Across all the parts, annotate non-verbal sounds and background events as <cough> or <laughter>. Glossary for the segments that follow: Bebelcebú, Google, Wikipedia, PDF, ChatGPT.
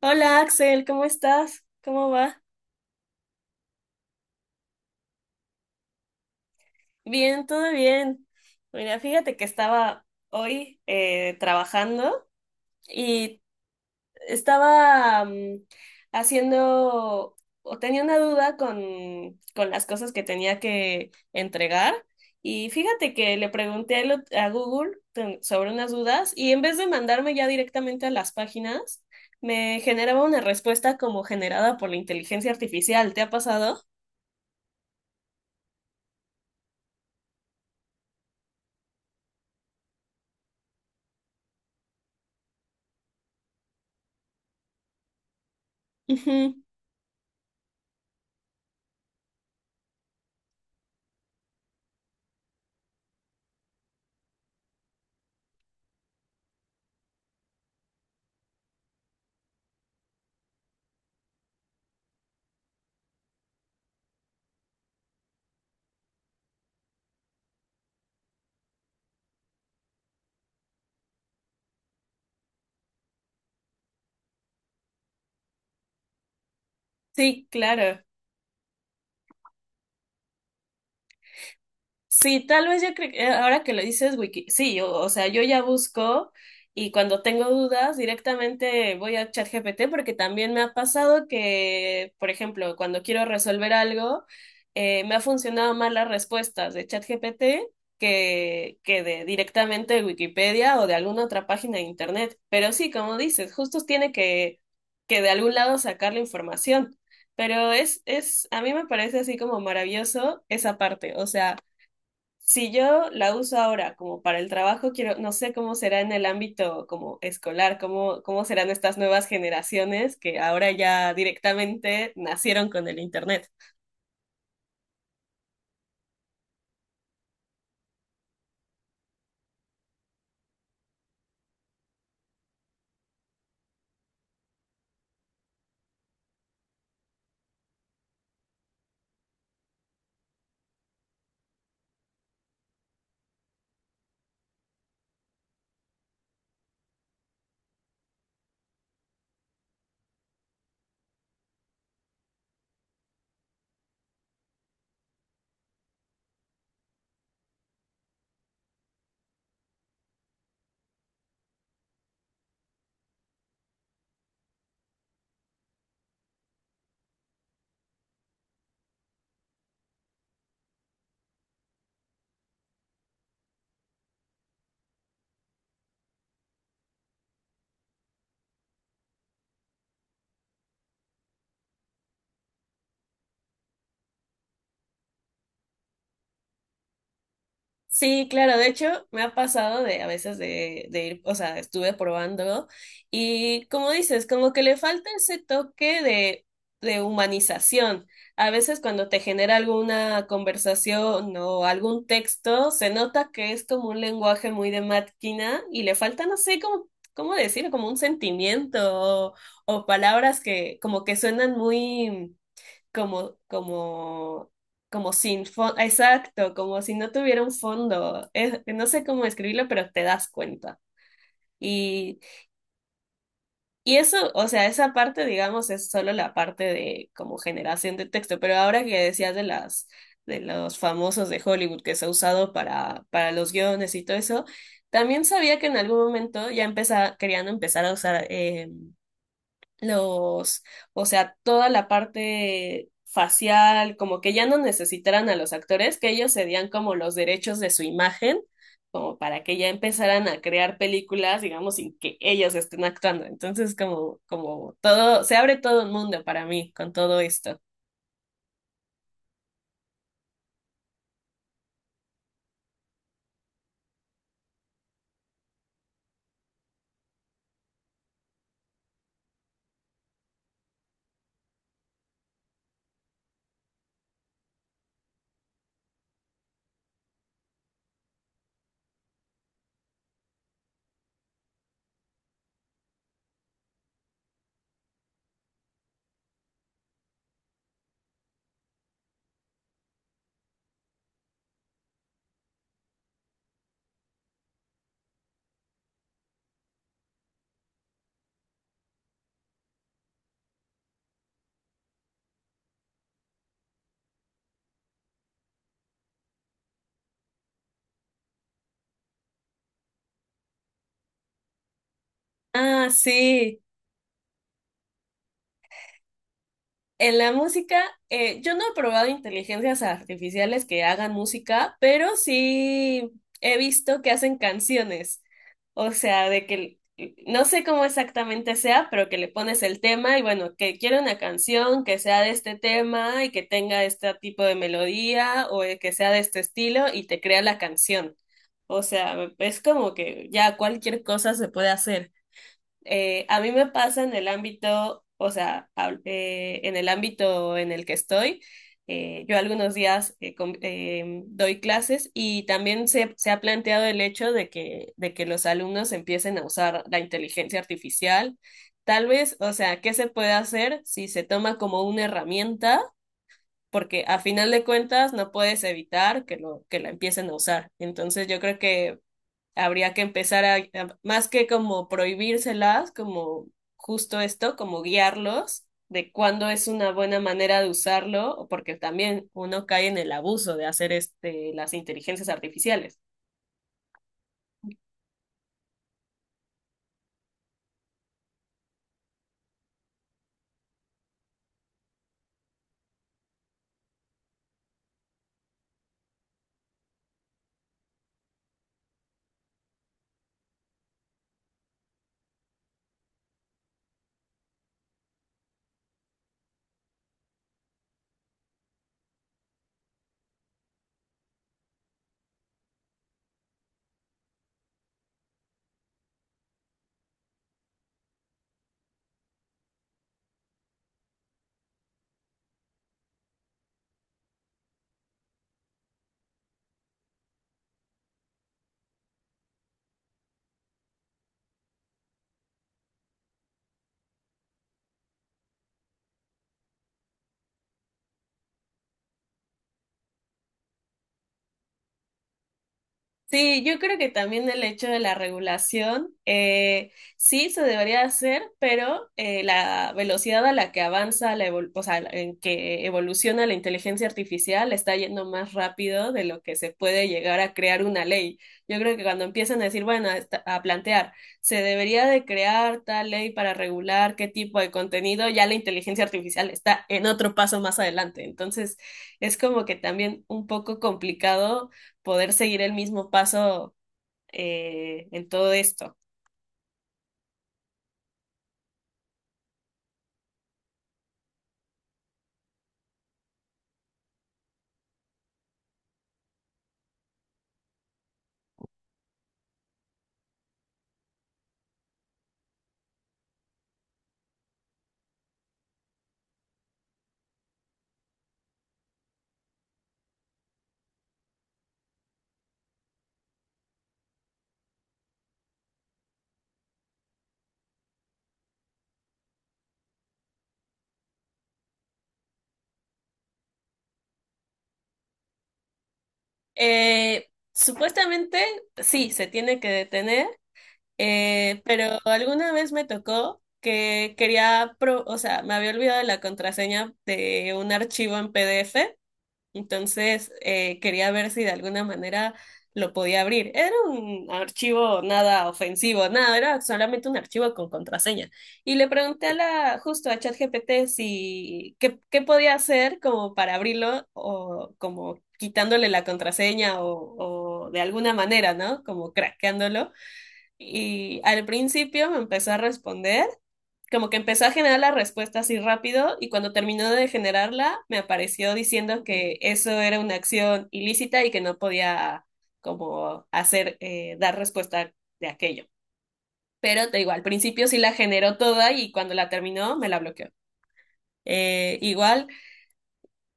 Hola Axel, ¿cómo estás? ¿Cómo va? Bien, todo bien. Mira, fíjate que estaba hoy trabajando y estaba haciendo o tenía una duda con las cosas que tenía que entregar y fíjate que le pregunté a a Google sobre unas dudas y en vez de mandarme ya directamente a las páginas, me generaba una respuesta como generada por la inteligencia artificial. ¿Te ha pasado? Ujú. Sí, claro. Sí, tal vez yo creo que ahora que lo dices, Wiki, sí, o sea, yo ya busco y cuando tengo dudas directamente voy a ChatGPT porque también me ha pasado que, por ejemplo, cuando quiero resolver algo, me ha funcionado más las respuestas de ChatGPT que de directamente de Wikipedia o de alguna otra página de internet. Pero sí, como dices, justo que de algún lado sacar la información. Pero a mí me parece así como maravilloso esa parte, o sea si yo la uso ahora como para el trabajo, quiero, no sé cómo será en el ámbito como escolar, cómo serán estas nuevas generaciones que ahora ya directamente nacieron con el internet. Sí, claro, de hecho me ha pasado de a veces de ir, o sea, estuve probando y como dices, como que le falta ese de humanización. A veces cuando te genera alguna conversación o algún texto, se nota que es como un lenguaje muy de máquina y le falta, no sé, como, cómo decirlo, como un sentimiento o palabras que como que suenan muy como, como, como sin fondo, exacto, como si no tuviera un fondo. No sé cómo escribirlo, pero te das cuenta. Y, y eso, o sea, esa parte, digamos, es solo la parte de como generación de texto, pero ahora que decías de los famosos de Hollywood que se ha usado para los guiones y todo eso, también sabía que en algún momento ya empezaba, querían empezar a usar los, o sea, toda la parte facial, como que ya no necesitaran a los actores, que ellos cedían como los derechos de su imagen, como para que ya empezaran a crear películas, digamos, sin que ellos estén actuando. Entonces, como, como todo, se abre todo un mundo para mí con todo esto. Ah, sí. En la música, yo no he probado inteligencias artificiales que hagan música, pero sí he visto que hacen canciones. O sea, de que no sé cómo exactamente sea, pero que le pones el tema y bueno, que quiero una canción que sea de este tema y que tenga este tipo de melodía o que sea de este estilo y te crea la canción. O sea, es como que ya cualquier cosa se puede hacer. A mí me pasa en el ámbito, o sea, en el ámbito en el que estoy, yo algunos días doy clases y también se ha planteado el hecho de de que los alumnos empiecen a usar la inteligencia artificial. Tal vez, o sea, ¿qué se puede hacer si se toma como una herramienta? Porque a final de cuentas no puedes evitar que la empiecen a usar. Entonces yo creo que habría que empezar más que como prohibírselas, como justo esto, como guiarlos de cuándo es una buena manera de usarlo, porque también uno cae en el abuso de hacer este, las inteligencias artificiales. Sí, yo creo que también el hecho de la regulación, sí se debería hacer, pero la velocidad a la que avanza, o sea, en que evoluciona la inteligencia artificial está yendo más rápido de lo que se puede llegar a crear una ley. Yo creo que cuando empiezan a decir, bueno, a plantear, se debería de crear tal ley para regular qué tipo de contenido, ya la inteligencia artificial está en otro paso más adelante. Entonces, es como que también un poco complicado poder seguir el mismo paso en todo esto. Supuestamente, sí, se tiene que detener, pero alguna vez me tocó que o sea, me había olvidado la contraseña de un archivo en PDF. Entonces, quería ver si de alguna manera lo podía abrir. Era un archivo nada ofensivo, nada, era solamente un archivo con contraseña. Y le pregunté a la, justo a ChatGPT si qué podía hacer como para abrirlo o como quitándole la contraseña o de alguna manera, ¿no? Como craqueándolo. Y al principio me empezó a responder como que empezó a generar la respuesta así rápido y cuando terminó de generarla me apareció diciendo que eso era una acción ilícita y que no podía como hacer, dar respuesta de aquello. Pero te digo, al principio sí la generó toda y cuando la terminó me la bloqueó. Igual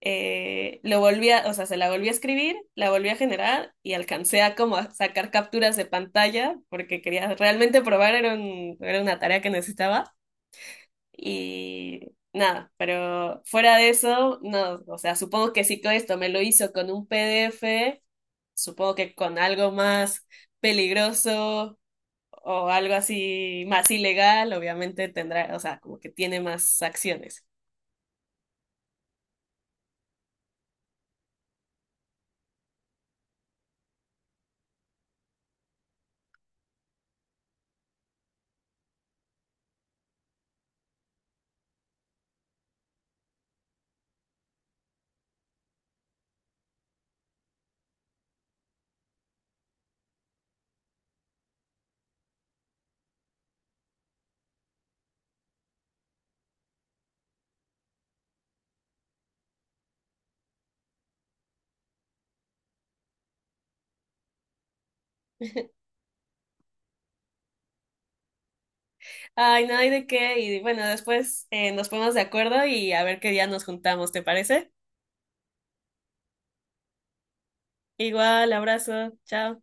lo o sea, se la volví a escribir, la volví a generar y alcancé a como a sacar capturas de pantalla porque quería realmente probar, era una tarea que necesitaba. Y nada, pero fuera de eso, no, o sea, supongo que si todo esto me lo hizo con un PDF, supongo que con algo más peligroso o algo así más ilegal, obviamente tendrá, o sea, como que tiene más acciones. <laughs> Ay, no hay de qué, y bueno, después nos ponemos de acuerdo y a ver qué día nos juntamos, ¿te parece? Igual, abrazo, chao.